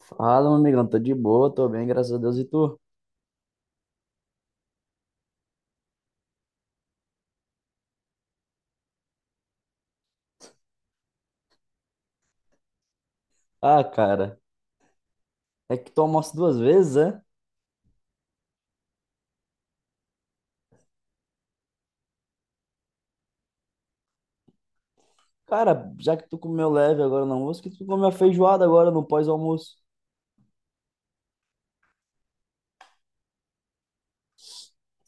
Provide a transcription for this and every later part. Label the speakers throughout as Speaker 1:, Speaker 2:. Speaker 1: Fala, meu amigão, tô de boa, tô bem, graças a Deus. E tu? Ah, cara, é que tu almoça duas vezes, é? Cara, já que tu comeu leve agora no almoço, que tu comeu a feijoada agora no pós-almoço?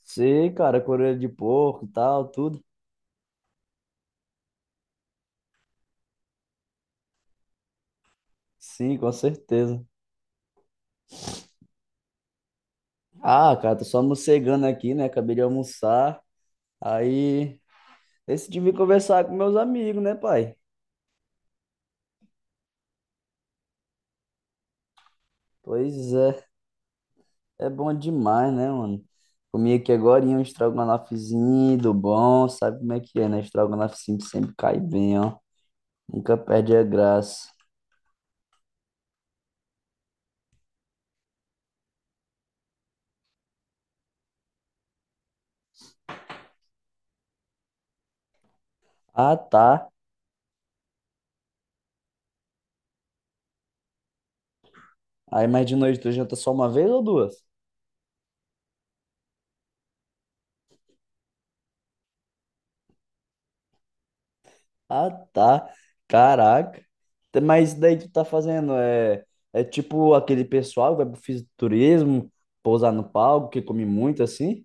Speaker 1: Sei, cara, orelha de porco e tal, tudo. Sim, com certeza. Ah, cara, tô só morcegando aqui, né? Acabei de almoçar. Aí decidi vir conversar com meus amigos, né, pai? Pois é. É bom demais, né, mano? Comi aqui agora um estrogonofezinho do bom, sabe como é que é, né? Estrogonofe sempre, sempre cai bem, ó. Nunca perde a graça. Ah, tá. Aí, mas de noite tu janta só uma vez ou duas? Ah, tá. Caraca. Tá, mas isso daí tu tá fazendo é, é tipo aquele pessoal que vai pro fisiculturismo, pousar no palco, que come muito assim?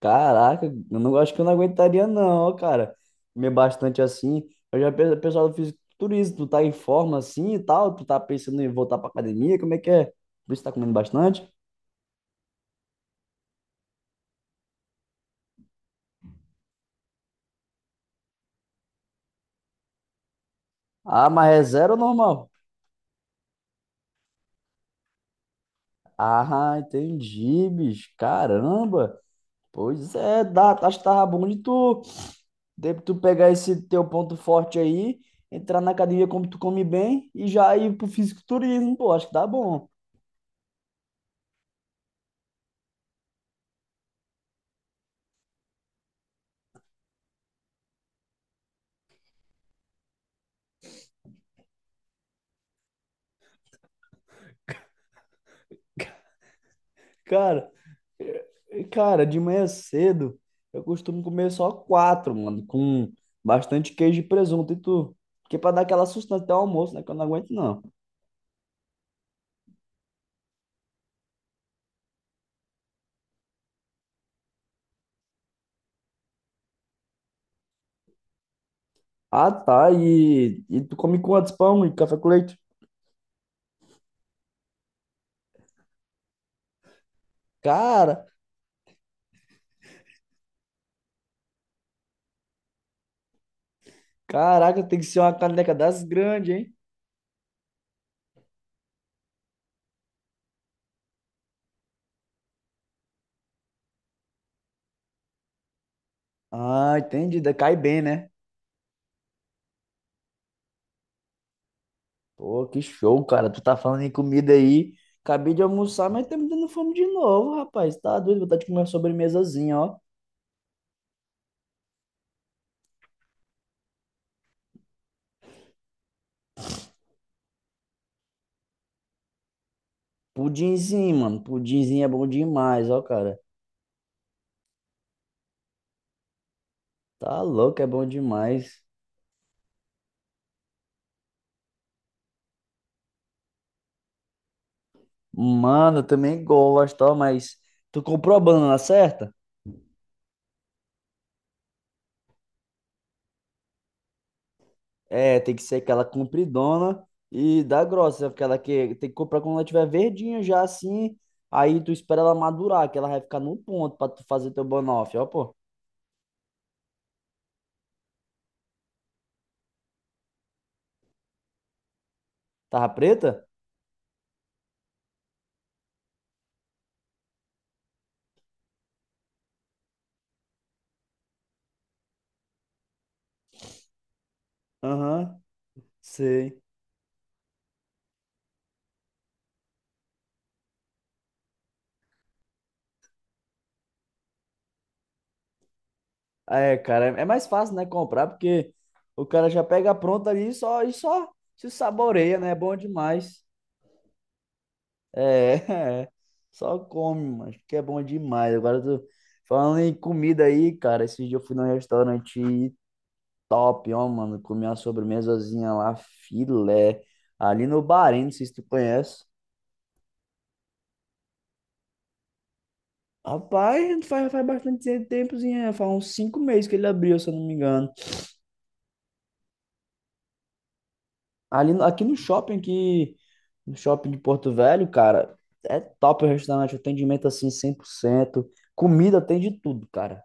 Speaker 1: Caraca, eu não acho que eu não aguentaria, não, cara. Comer bastante assim. Eu já penso, pessoal do fisiculturismo, tu tá em forma assim e tal, tu tá pensando em voltar pra academia, como é que é? Por isso tá comendo bastante? Ah, mas é zero ou normal? Ah, entendi, bicho. Caramba. Pois é, dá, tá, acho que tava bom de tu pegar esse teu ponto forte aí, entrar na academia como tu come bem e já ir pro fisiculturismo, pô, acho que dá bom. Cara, Cara, de manhã cedo eu costumo comer só quatro, mano, com bastante queijo e presunto. E tu? Porque pra dar aquela sustância até o almoço, né? Que eu não aguento, não. Ah, tá. E tu come quantos pão e café com leite? Cara, caraca, tem que ser uma caneca das grandes, hein? Ah, entendi. Da- cai bem, né? Pô, que show, cara. Tu tá falando em comida aí. Acabei de almoçar, mas tá me dando fome de novo, rapaz. Tá doido, vontade de comer uma sobremesazinha, ó. Pudinzinho, mano. Pudinzinho é bom demais, ó, cara. Tá louco, é bom demais. Mano, eu também gosto, ó, mas tu comprou a banana certa? É, tem que ser aquela compridona e da grossa, aquela que tem que comprar quando ela tiver verdinha já assim. Aí tu espera ela madurar, que ela vai ficar no ponto pra tu fazer teu banoffee, ó, pô. Tava preta? Aham, sei. É, cara, é mais fácil, né, comprar, porque o cara já pega pronta ali e só se saboreia, né? É bom demais. É, é. Só come, mas que é bom demais. Agora eu tô falando em comida aí, cara. Esses dias eu fui num restaurante top, ó, mano. Comi uma sobremesazinha lá, filé, ali no Bahrein, não sei se tu conhece. Rapaz, faz bastante tempozinho, é, faz uns 5 meses que ele abriu, se eu não me engano. Ali, no shopping de Porto Velho, cara, é top o restaurante, atendimento assim 100%, comida tem de tudo, cara.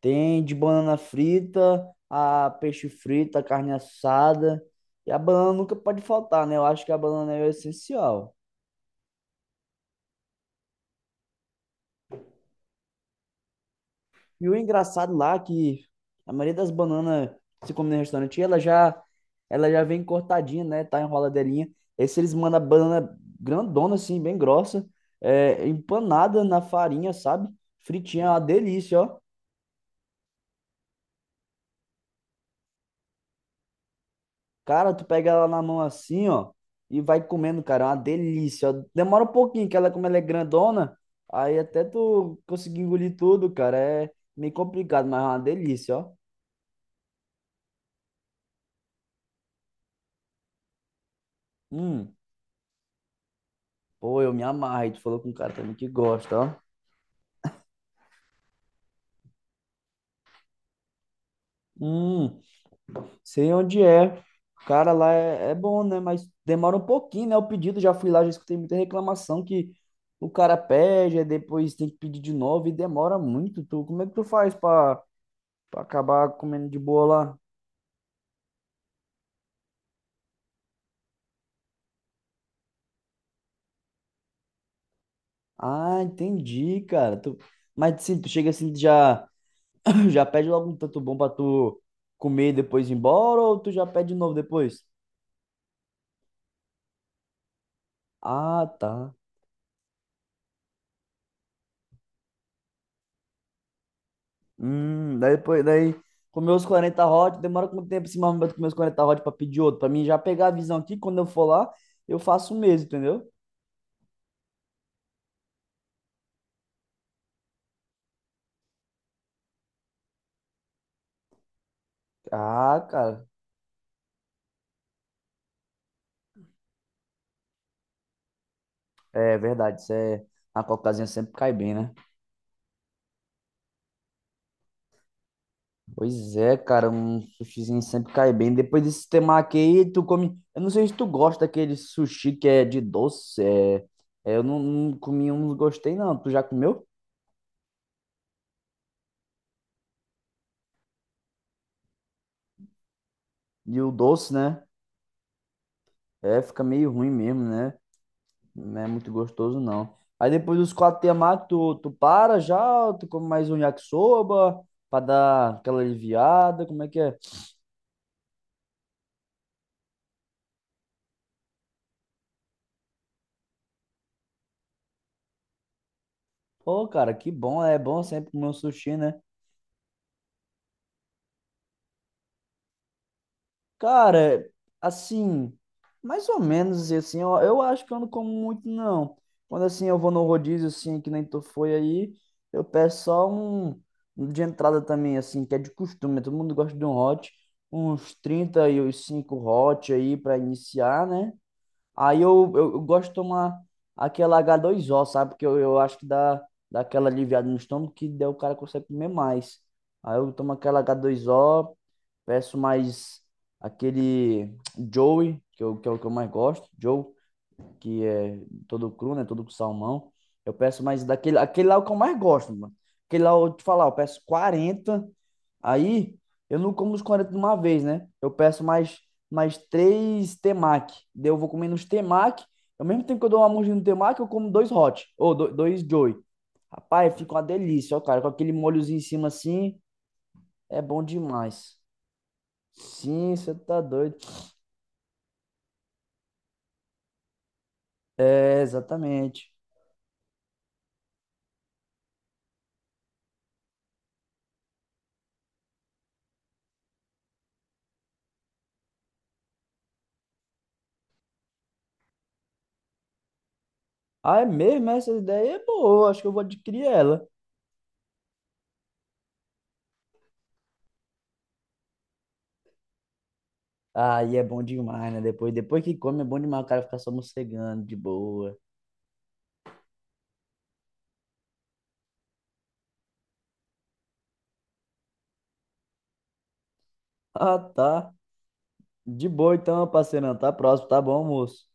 Speaker 1: Tem de banana frita, a peixe frito, a carne assada. E a banana nunca pode faltar, né? Eu acho que a banana é o essencial. E o engraçado lá é que a maioria das bananas que se come no restaurante, ela já vem cortadinha, né? Tá enroladeirinha. Esse eles mandam a banana grandona, assim, bem grossa, é, empanada na farinha, sabe? Fritinha, é uma delícia, ó. Cara, tu pega ela na mão assim, ó, e vai comendo, cara. É uma delícia, ó. Demora um pouquinho, que ela, como ela é grandona, aí até tu conseguir engolir tudo, cara, é meio complicado, mas é uma delícia, ó. Hum, pô, eu me amarro. E tu falou com um cara também que gosta, ó. Hum, sei onde é. Cara, lá é, é bom, né? Mas demora um pouquinho, né? O pedido, já fui lá, já escutei muita reclamação que o cara pede, aí depois tem que pedir de novo e demora muito. Tu, como é que tu faz pra acabar comendo de boa lá? Ah, entendi, cara. Tu... mas assim, tu chega assim, tu já já pede logo um tanto bom pra tu comer e depois ir embora, ou tu já pede de novo depois? Ah, tá. Daí comer os 40 hot, demora quanto tempo assim, mais ou menos pra comer os 40 hot pra pedir outro? Pra mim já pegar a visão aqui, quando eu for lá, eu faço o mesmo, entendeu? Ah, cara, é verdade, isso é... a cocazinha sempre cai bem, né? Pois é, cara, um sushizinho sempre cai bem. Depois desse temaki aí, tu come. Eu não sei se tu gosta daquele sushi que é de doce. É... eu não, não comi um, não gostei, não. Tu já comeu? E o doce, né? É, fica meio ruim mesmo, né? Não é muito gostoso, não. Aí depois dos quatro temaki, tu para já? Tu come mais um yakisoba pra dar aquela aliviada? Como é que é? Pô, cara, que bom. É bom sempre comer um sushi, né? Cara, assim, mais ou menos assim, eu acho que eu não como muito, não. Quando assim eu vou no rodízio, assim, que nem tu foi aí, eu peço só um, um de entrada também, assim, que é de costume, todo mundo gosta de um hot, uns trinta e os cinco hot aí pra iniciar, né? Aí eu gosto de tomar aquela H2O, sabe? Porque eu acho que dá, dá aquela aliviada no estômago que daí o cara consegue comer mais. Aí eu tomo aquela H2O, peço mais aquele Joey, que é o que eu mais gosto, Joe, que é todo cru, né? Todo com salmão. Eu peço mais daquele, aquele lá é o que eu mais gosto, mano. Aquele lá, eu te falar, eu peço 40, aí eu não como os 40 de uma vez, né? Eu peço mais três temaki. Daí eu vou comendo uns temaki, ao mesmo tempo que eu dou uma mordida no temaki, eu como dois hot, ou dois joy. Rapaz, fica uma delícia, ó, cara. Com aquele molhozinho em cima assim, é bom demais. Sim, você tá doido. É, exatamente. Ah, é mesmo? Essa ideia é boa. Acho que eu vou adquirir ela. Aí é bom demais, né? Depois que come é bom demais o cara ficar só morcegando, de boa. Ah, tá. De boa então, parceirão. Tá próximo, tá bom, moço?